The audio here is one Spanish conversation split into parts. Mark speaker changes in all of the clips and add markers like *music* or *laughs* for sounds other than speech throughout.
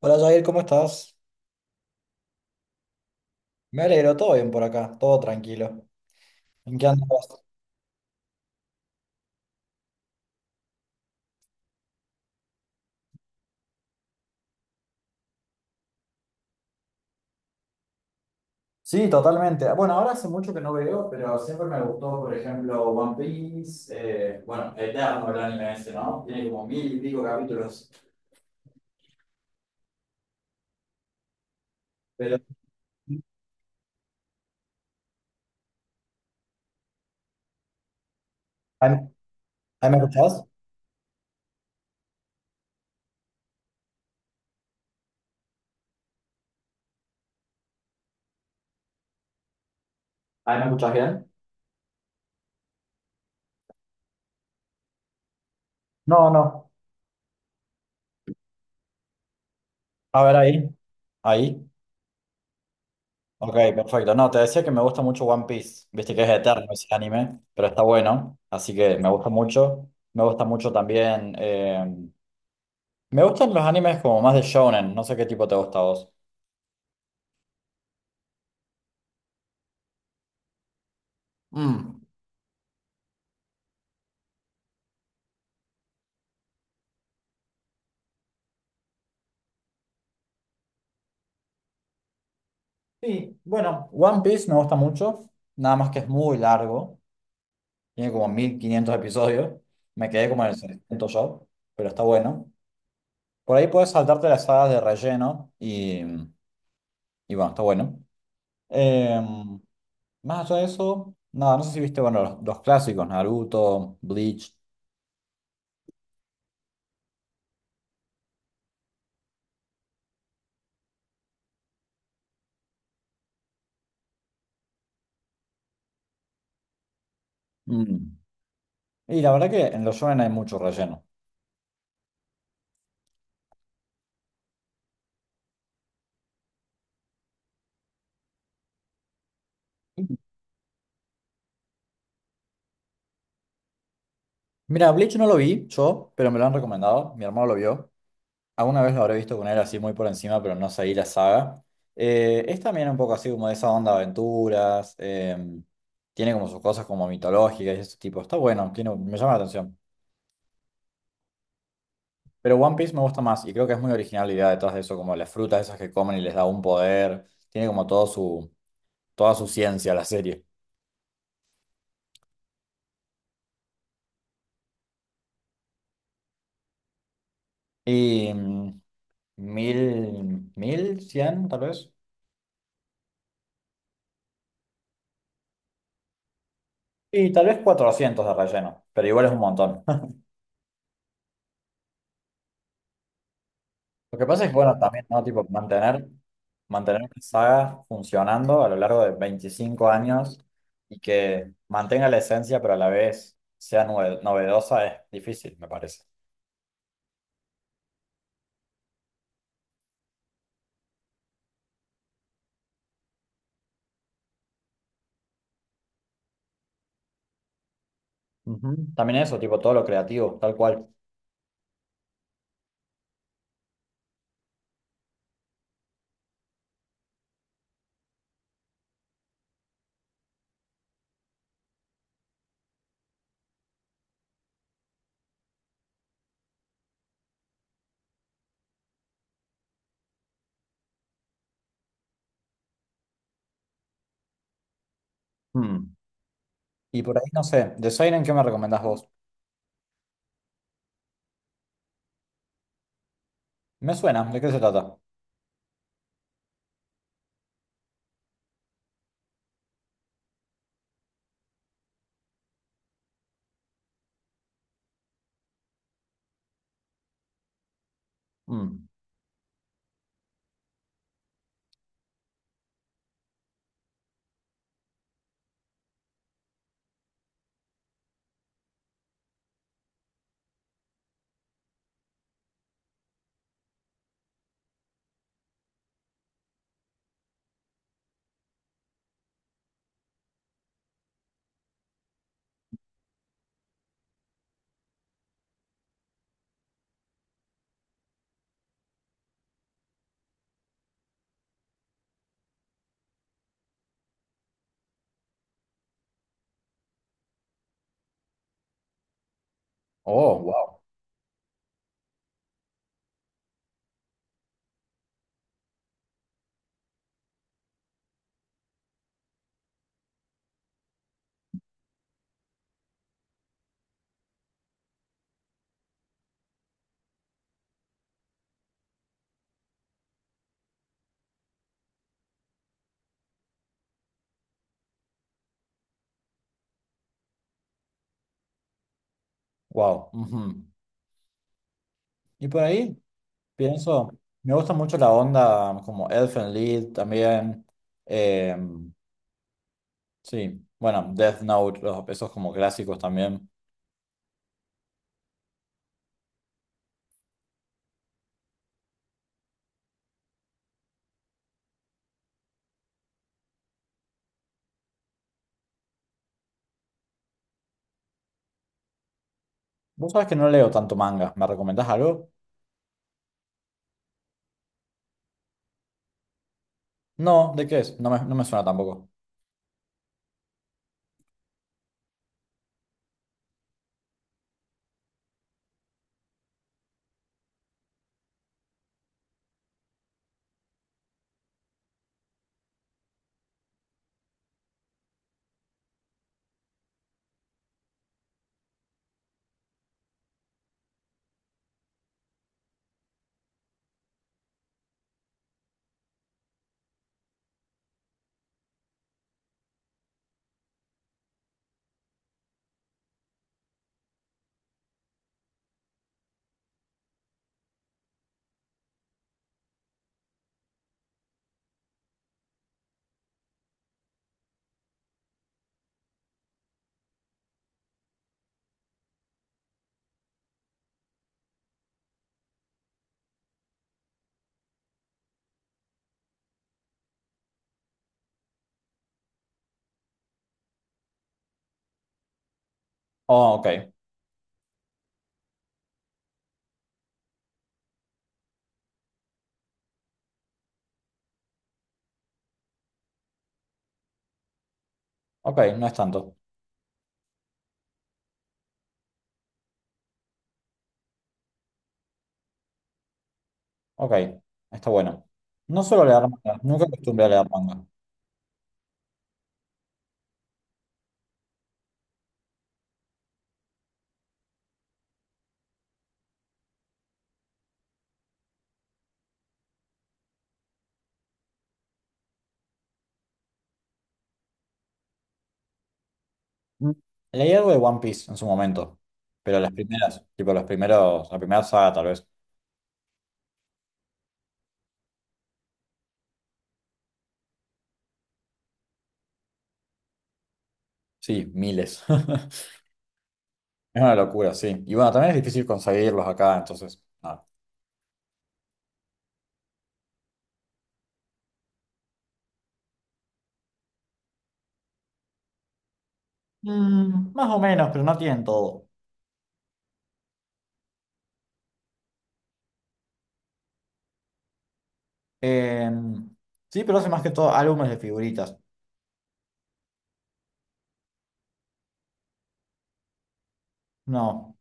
Speaker 1: Hola Jair, ¿cómo estás? Me alegro, todo bien por acá, todo tranquilo. ¿En qué andas? Sí, totalmente. Bueno, ahora hace mucho que no veo, pero siempre me gustó, por ejemplo, One Piece, bueno, Eterno, el anime ese, ¿no? Tiene como mil y pico capítulos. Pero, ¿ahí, ahí me escuchás? ¿Ahí me escuchas bien? No, no. A ver, ahí. Ahí. Ok, perfecto. No, te decía que me gusta mucho One Piece. Viste que es eterno ese anime, pero está bueno, así que me gusta mucho. Me gusta mucho también. Me gustan los animes como más de shonen, no sé qué tipo te gusta a vos. Mm. Sí, bueno, One Piece me gusta mucho, nada más que es muy largo, tiene como 1500 episodios, me quedé como en el 600 yo, pero está bueno. Por ahí puedes saltarte las sagas de relleno y bueno, está bueno. Em, Más allá de eso, nada, no sé si viste, bueno, los clásicos, Naruto, Bleach. Mm. Y la verdad que en los shonen hay mucho relleno. Mira, Bleach no lo vi yo, pero me lo han recomendado, mi hermano lo vio. Alguna vez lo habré visto con él así muy por encima, pero no seguí la saga. Es también un poco así como de esa onda de aventuras. Tiene como sus cosas como mitológicas y ese tipo. Está bueno, tiene, me llama la atención. Pero One Piece me gusta más y creo que es muy original la idea detrás de eso, como las frutas esas que comen y les da un poder. Tiene como todo su, toda su ciencia la serie. Y mm, Mil, 1100 tal vez. Y tal vez 400 de relleno, pero igual es un montón. Lo que pasa es que, bueno, también, ¿no? Tipo, mantener una saga funcionando a lo largo de 25 años y que mantenga la esencia, pero a la vez sea novedosa es difícil, me parece. Ujú. También eso, tipo, todo lo creativo, tal cual. Mm. Y por ahí, no sé, de Siren, ¿qué me recomendás vos? Me suena, ¿de qué se trata? Mm. Oh, wow, wow. Ujú. Y por ahí, pienso, me gusta mucho la onda como Elfen Lied también. em, Sí, bueno, Death Note, esos como clásicos también. Vos sabés que no leo tanto manga. ¿Me recomendás algo? No, ¿de qué es? No me suena tampoco. Oh, ok. Ok, no es tanto. Ok, está bueno. No suelo leer manga, nunca acostumbré a leer manga. Mm. Leí algo de One Piece en su momento, pero las primeras, tipo los primeros, la primera saga tal vez. Sí, miles. *laughs* Es una locura, sí. Y bueno, también es difícil conseguirlos acá, entonces, nada. Mm, más o menos, pero no tienen todo. Em, sí, pero hace más que todo álbumes de figuritas. No.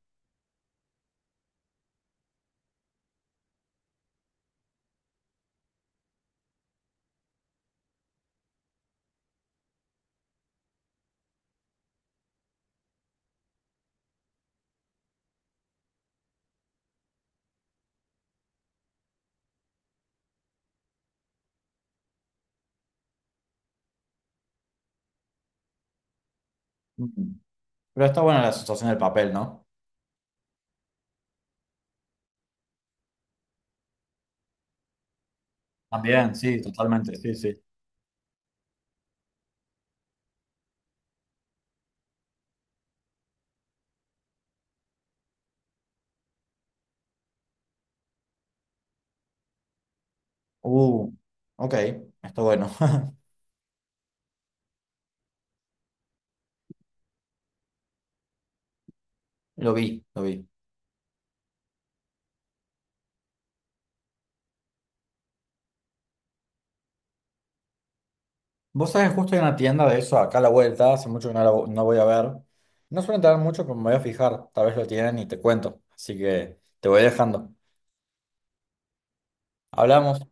Speaker 1: Mm. Pero está buena la sensación del papel, ¿no? También, sí, totalmente, sí, sí. Uh, ok, está bueno. *laughs* Lo vi, lo vi. Vos sabés, justo hay una tienda de eso acá a la vuelta, hace mucho que no, no voy a ver. No suelen tener mucho, pero me voy a fijar, tal vez lo tienen y te cuento. Así que te voy dejando. Hablamos.